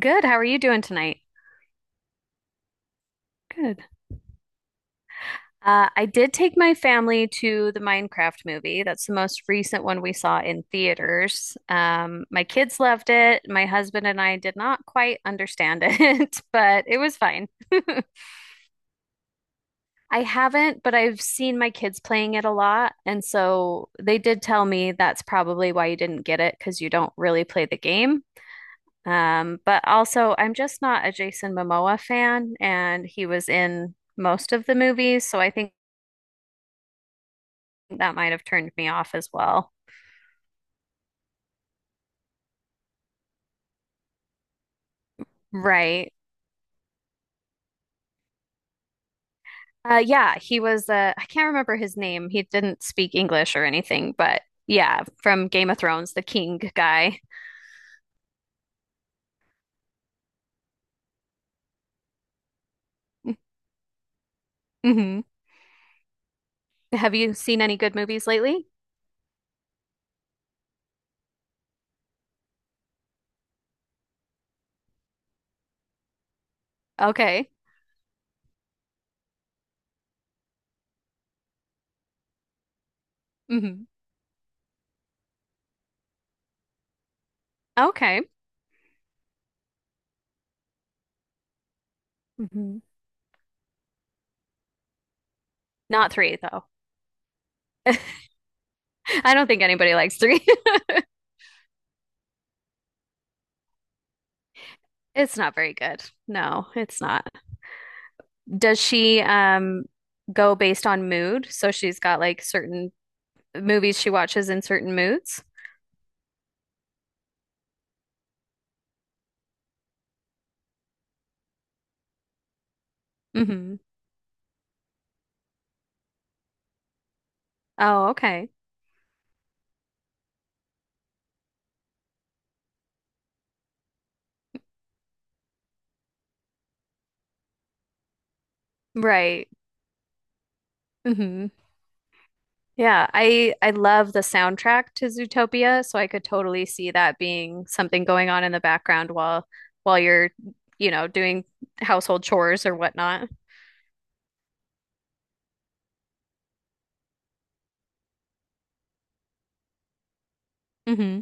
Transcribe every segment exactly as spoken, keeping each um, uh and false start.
Good. How are you doing tonight? Good. Uh, I did take my family to the Minecraft movie. That's the most recent one we saw in theaters. Um, my kids loved it. My husband and I did not quite understand it, but it was fine. I haven't, but I've seen my kids playing it a lot. And so they did tell me that's probably why you didn't get it because you don't really play the game. Um, but also, I'm just not a Jason Momoa fan, and he was in most of the movies. So I think that might have turned me off as well. Right. Uh, yeah, he was, uh, I can't remember his name. He didn't speak English or anything, but yeah, from Game of Thrones, the king guy. Hmm. Have you seen any good movies lately? Okay. Hmm. Okay. Hmm. Not three, though. I don't think anybody likes three. It's not very good. No, it's not. Does she, um, go based on mood? So she's got like certain movies she watches in certain moods? Hmm. Oh, okay. Right. Hmm. Yeah, I I love the soundtrack to Zootopia, so I could totally see that being something going on in the background while while you're, you know, doing household chores or whatnot. Hmm.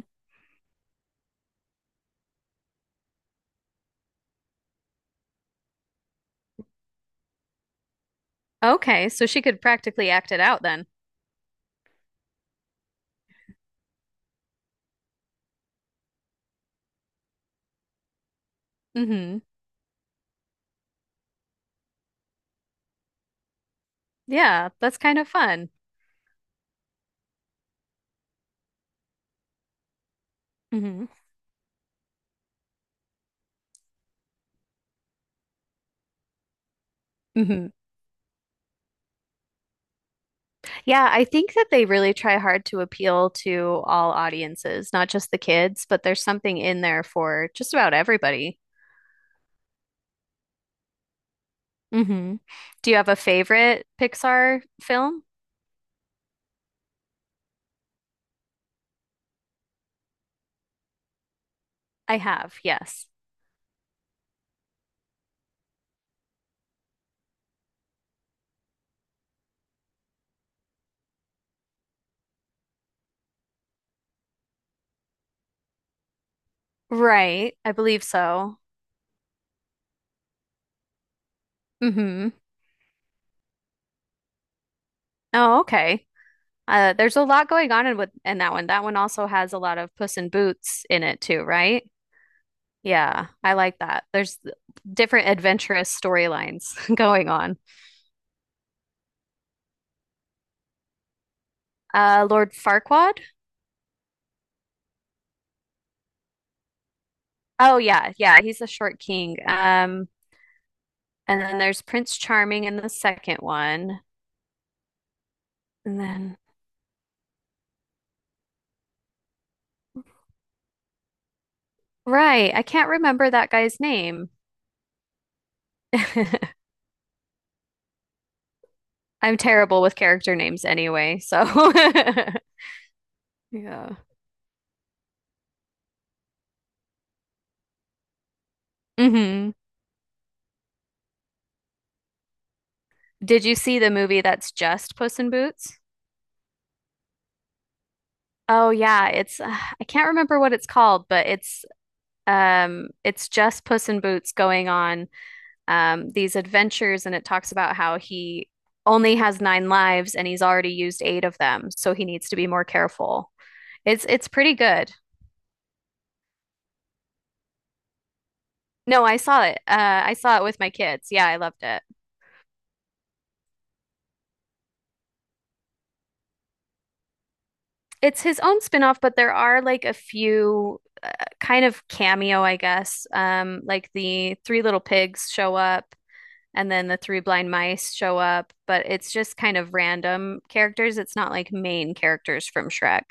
Okay, so she could practically act it out then. Hmm. Yeah, that's kind of fun. Hmm. Hmm. Yeah, I think that they really try hard to appeal to all audiences, not just the kids, but there's something in there for just about everybody. Hmm. Do you have a favorite Pixar film? I have, yes. Right, I believe so. Hmm. Oh, okay. Uh, there's a lot going on in with in that one. That one also has a lot of Puss in Boots in it too, right? Yeah, I like that. There's different adventurous storylines going on. Uh, Lord Farquaad? Oh yeah, yeah, he's a short king. Um, and then there's Prince Charming in the second one. And then right, I can't remember that guy's name. I'm terrible with character names anyway, so yeah. Hmm. Did you see the movie that's just Puss in Boots? Oh yeah, it's uh, I can't remember what it's called, but it's um it's just Puss in Boots going on um these adventures, and it talks about how he only has nine lives and he's already used eight of them, so he needs to be more careful. It's it's pretty good. No, I saw it. Uh I saw it with my kids. Yeah, I loved it. It's his own spin-off, but there are like a few uh, kind of cameo, I guess. Um, like the Three Little Pigs show up, and then the Three Blind Mice show up, but it's just kind of random characters. It's not like main characters from Shrek.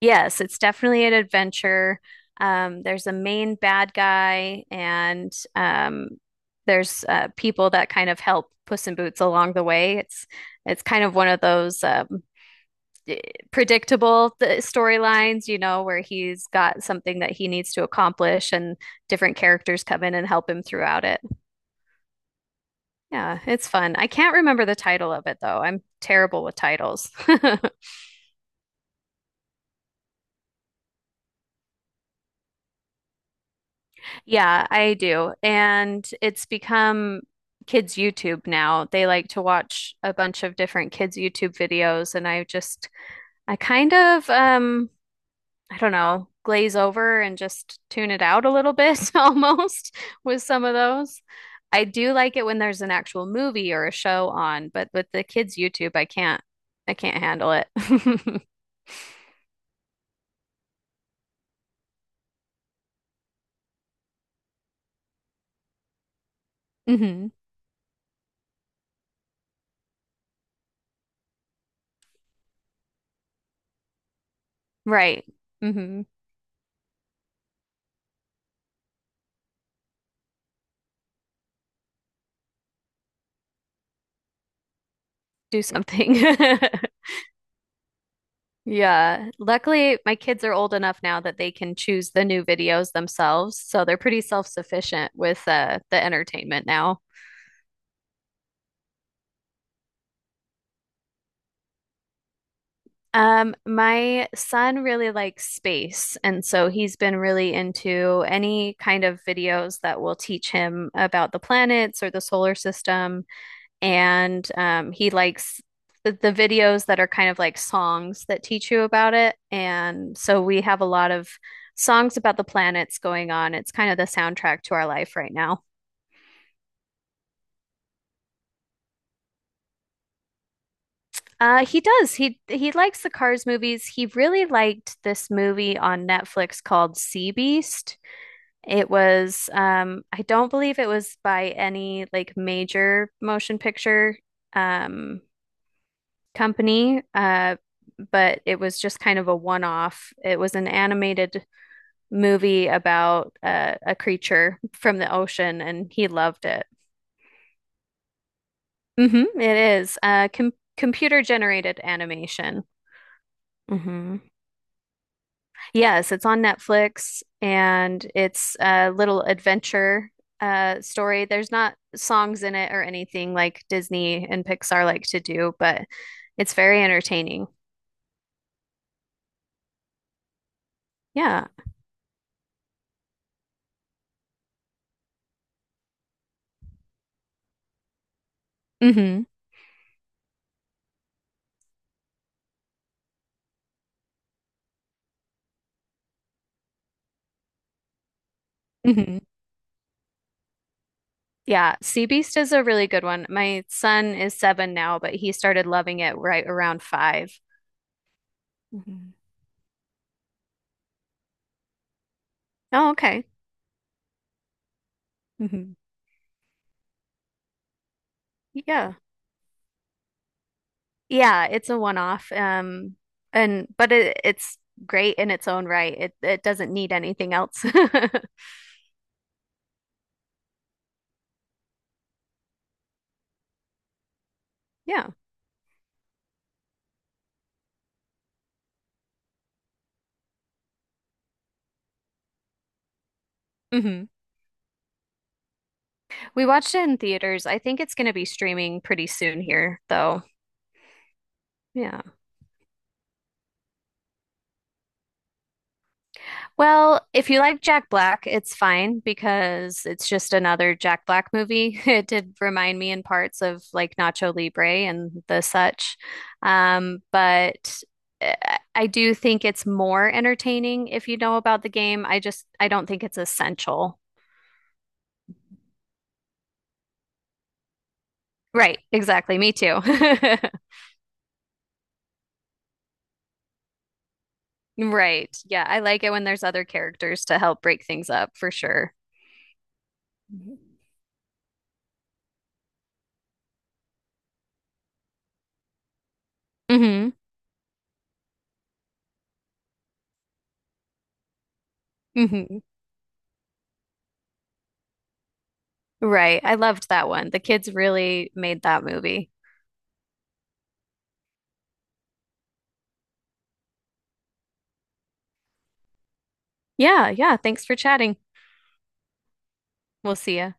Yes, it's definitely an adventure. Um, there's a main bad guy, and um, there's uh, people that kind of help Puss in Boots along the way. It's it's kind of one of those um, predictable storylines, you know, where he's got something that he needs to accomplish, and different characters come in and help him throughout it. Yeah, it's fun. I can't remember the title of it though. I'm terrible with titles. Yeah, I do. And it's become kids' YouTube now. They like to watch a bunch of different kids' YouTube videos, and I just I kind of um I don't know, glaze over and just tune it out a little bit almost with some of those. I do like it when there's an actual movie or a show on, but with the kids' YouTube, I can't I can't handle it. Hmm. Right. Hmm. Do something. Yeah. Luckily, my kids are old enough now that they can choose the new videos themselves, so they're pretty self-sufficient with uh, the entertainment now. Um, my son really likes space, and so he's been really into any kind of videos that will teach him about the planets or the solar system. And um, he likes the, the videos that are kind of like songs that teach you about it. And so we have a lot of songs about the planets going on. It's kind of the soundtrack to our life right now. Uh, he does. He he likes the Cars movies. He really liked this movie on Netflix called Sea Beast. It was, um, I don't believe it was by any like major motion picture um, company, uh, but it was just kind of a one-off. It was an animated movie about uh, a creature from the ocean, and he loved it. Hmm. It is uh, com computer generated animation. Hmm. Yes, it's on Netflix, and it's a little adventure uh story. There's not songs in it or anything like Disney and Pixar like to do, but it's very entertaining. Yeah. Hmm. Hmm. Yeah, Sea Beast is a really good one. My son is seven now, but he started loving it right around five. Mhm. Oh, okay. Hmm. Yeah. Yeah, it's a one-off. Um, and but it, it's great in its own right. It it doesn't need anything else. Yeah. Hmm. We watched it in theaters. I think it's going to be streaming pretty soon here, though. Yeah. Well, if you like Jack Black, it's fine because it's just another Jack Black movie. It did remind me in parts of like Nacho Libre and the such. Um, but uh, I do think it's more entertaining if you know about the game. I just, I don't think it's essential. Right, exactly. Me too. Right. Yeah, I like it when there's other characters to help break things up for sure. Hmm. Hmm. Right. I loved that one. The kids really made that movie. Yeah, yeah. Thanks for chatting. We'll see ya.